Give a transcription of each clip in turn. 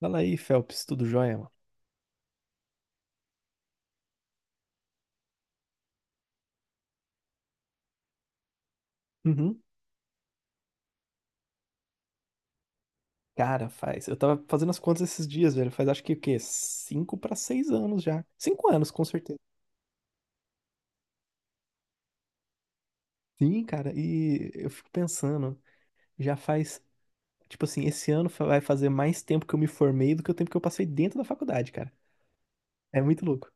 Fala aí, Phelps, tudo jóia, mano? Uhum. Cara, faz. Eu tava fazendo as contas esses dias, velho. Faz acho que o quê? 5 pra 6 anos já. 5 anos, com certeza. Sim, cara, e eu fico pensando, já faz. Tipo assim, esse ano vai fazer mais tempo que eu me formei do que o tempo que eu passei dentro da faculdade, cara. É muito louco.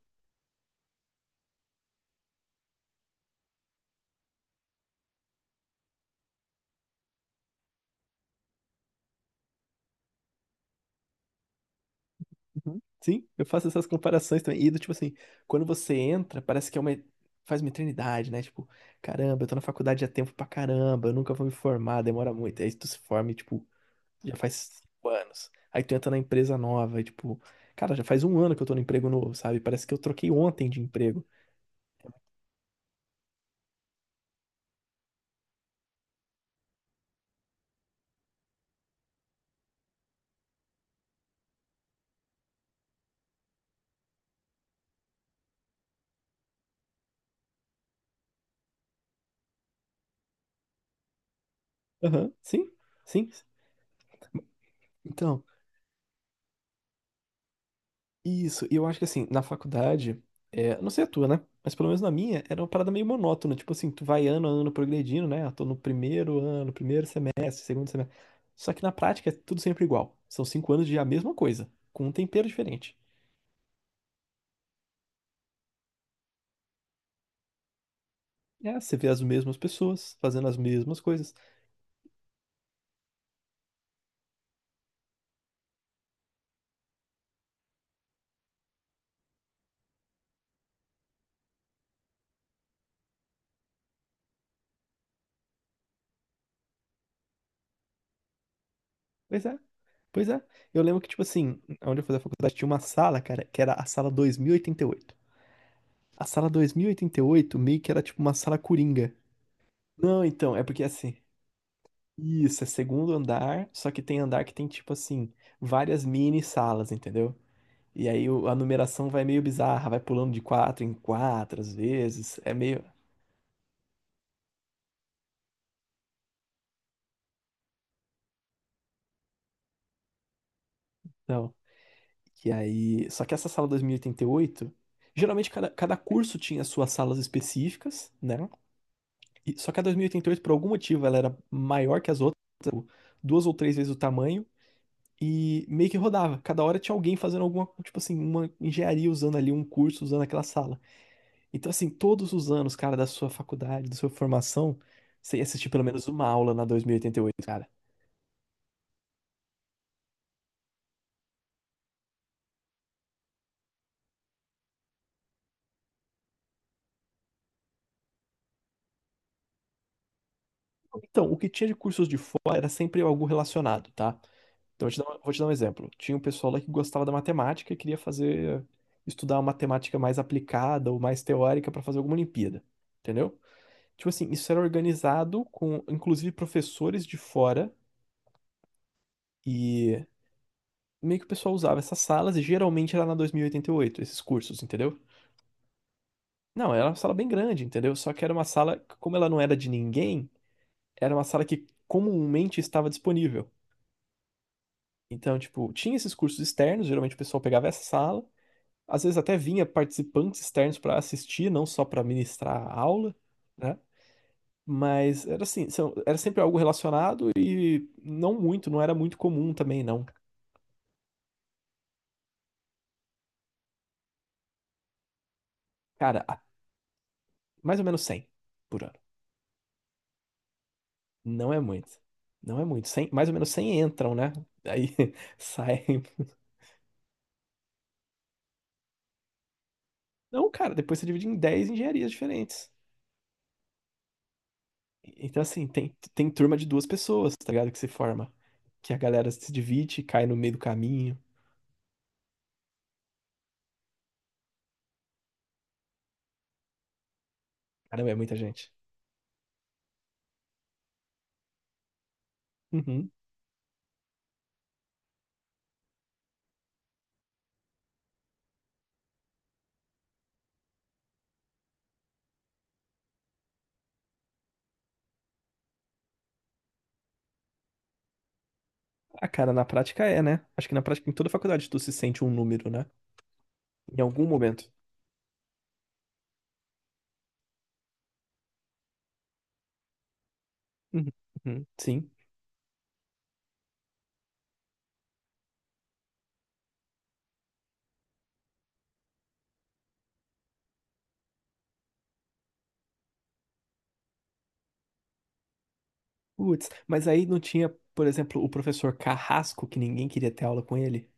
Uhum. Sim, eu faço essas comparações também. E do tipo assim, quando você entra, parece que é uma. Faz uma eternidade, né? Tipo, caramba, eu tô na faculdade há tempo pra caramba, eu nunca vou me formar, demora muito. Aí tu se forma e, tipo, já faz 5 anos. Aí tu entra na empresa nova e, tipo, cara, já faz um ano que eu tô no emprego novo, sabe? Parece que eu troquei ontem de emprego. Aham, sim, sim. Então, isso. E eu acho que, assim, na faculdade, é, não sei a tua, né? Mas pelo menos na minha, era uma parada meio monótona. Tipo assim, tu vai ano a ano progredindo, né? Eu tô no primeiro ano, primeiro semestre, segundo semestre. Só que na prática é tudo sempre igual. São 5 anos de a mesma coisa, com um tempero diferente. É, você vê as mesmas pessoas fazendo as mesmas coisas. Pois é. Pois é, eu lembro que, tipo assim, onde eu fazia faculdade tinha uma sala, cara, que era a sala dois mil e oitenta e oito. A sala dois mil e oitenta e oito meio que era tipo uma sala coringa. Não, então, é porque assim, isso, é segundo andar, só que tem andar que tem, tipo assim, várias mini salas, entendeu? E aí a numeração vai meio bizarra, vai pulando de quatro em quatro às vezes, é meio. Não. E aí, só que essa sala dois mil e oitenta e oito geralmente cada curso tinha suas salas específicas, né? Só que a 2088, por algum motivo, ela era maior que as outras, tipo, duas ou três vezes o tamanho, e meio que rodava. Cada hora tinha alguém fazendo alguma, tipo assim, uma engenharia usando ali, um curso usando aquela sala. Então, assim, todos os anos, cara, da sua faculdade, da sua formação, você ia assistir pelo menos uma aula na 2088, cara. Então, o que tinha de cursos de fora era sempre algo relacionado, tá? Então, eu vou te dar um exemplo. Tinha um pessoal lá que gostava da matemática e queria fazer, estudar uma matemática mais aplicada ou mais teórica para fazer alguma Olimpíada. Entendeu? Tipo assim, isso era organizado com, inclusive, professores de fora e meio que o pessoal usava essas salas e geralmente era na dois mil e oitenta e oito esses cursos, entendeu? Não, era uma sala bem grande, entendeu? Só que era uma sala, que, como ela não era de ninguém, era uma sala que comumente estava disponível. Então, tipo, tinha esses cursos externos, geralmente o pessoal pegava essa sala, às vezes até vinha participantes externos para assistir, não só para ministrar a aula, né? Mas era assim, era sempre algo relacionado e não muito, não era muito comum também, não. Cara, mais ou menos 100 por ano. Não é muito. Não é muito. 100, mais ou menos 100 entram, né? Aí saem. Não, cara, depois você divide em 10 engenharias diferentes. Então, assim, tem turma de duas pessoas, tá ligado? Que se forma. Que a galera se divide, cai no meio do caminho. Caramba, é muita gente. Uhum. Ah, cara, na prática é, né? Acho que na prática em toda faculdade tu se sente um número, né? Em algum momento. Uhum. Uhum. Sim. Putz, mas aí não tinha, por exemplo, o professor Carrasco, que ninguém queria ter aula com ele?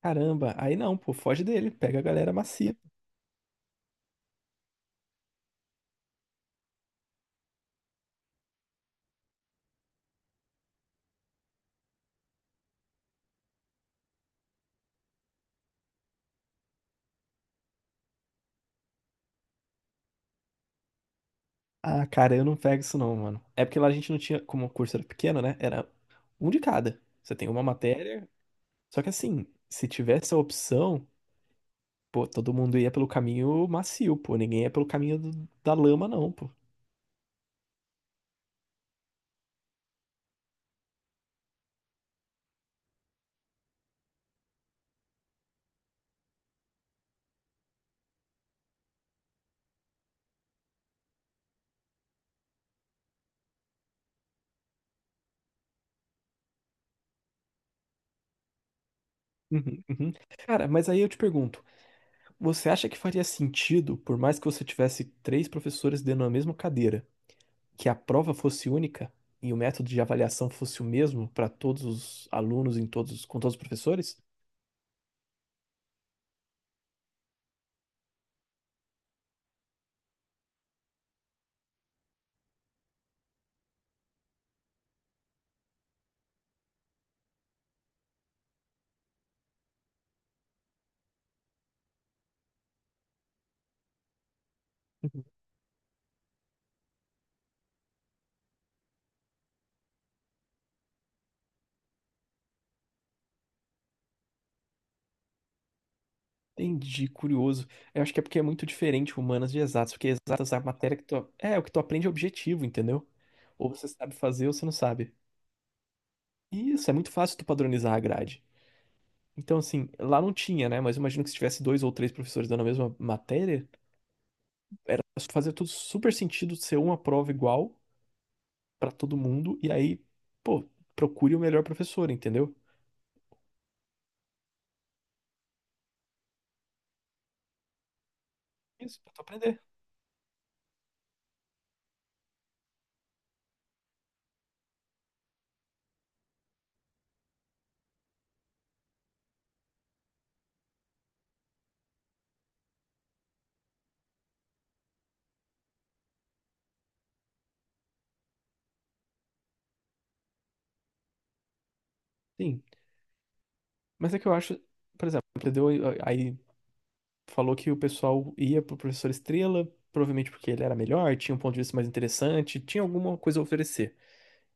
Caramba, aí não, pô, foge dele, pega a galera macia. Ah, cara, eu não pego isso não, mano. É porque lá a gente não tinha, como o curso era pequeno, né? Era um de cada. Você tem uma matéria. Só que assim, se tivesse a opção, pô, todo mundo ia pelo caminho macio, pô. Ninguém ia pelo caminho da lama, não, pô. Uhum, uhum. Cara, mas aí eu te pergunto, você acha que faria sentido, por mais que você tivesse três professores dentro da mesma cadeira? Que a prova fosse única e o método de avaliação fosse o mesmo para todos os alunos em todos, com todos os professores? Uhum. Entendi, curioso. Eu acho que é porque é muito diferente humanas de exatas, porque exatas é a matéria que tu, é, o que tu aprende é objetivo, entendeu? Ou você sabe fazer ou você não sabe. E isso, é muito fácil tu padronizar a grade. Então, assim, lá não tinha, né? Mas eu imagino que se tivesse dois ou três professores dando a mesma matéria, fazia tudo super sentido ser uma prova igual pra todo mundo, e aí, pô, procure o melhor professor, entendeu? Isso, pra tu aprender. Sim. Mas é que eu acho, por exemplo, aprendeu aí falou que o pessoal ia pro professor Estrela, provavelmente porque ele era melhor, tinha um ponto de vista mais interessante, tinha alguma coisa a oferecer,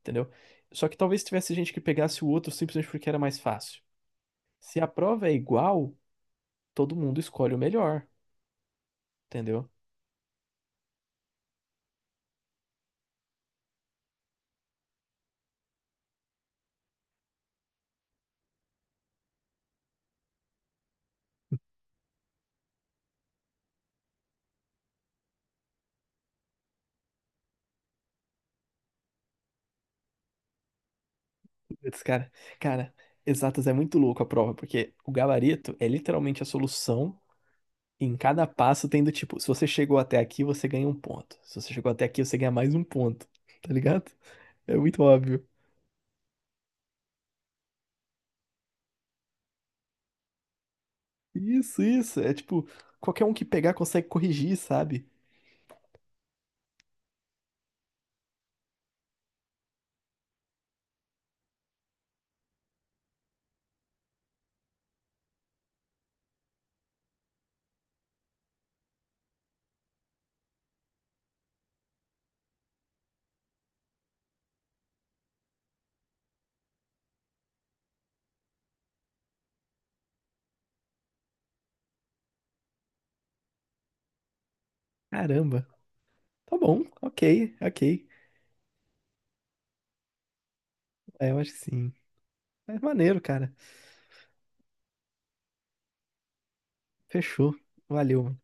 entendeu? Só que talvez tivesse gente que pegasse o outro simplesmente porque era mais fácil. Se a prova é igual, todo mundo escolhe o melhor, entendeu? Putz, cara, cara, exatas é muito louco a prova, porque o gabarito é literalmente a solução. Em cada passo tem do tipo, se você chegou até aqui, você ganha um ponto. Se você chegou até aqui, você ganha mais um ponto. Tá ligado? É muito óbvio. Isso, isso. É tipo, qualquer um que pegar consegue corrigir, sabe? Caramba. Tá bom, ok, ok. É, eu acho que sim. É maneiro, cara. Fechou. Valeu, mano.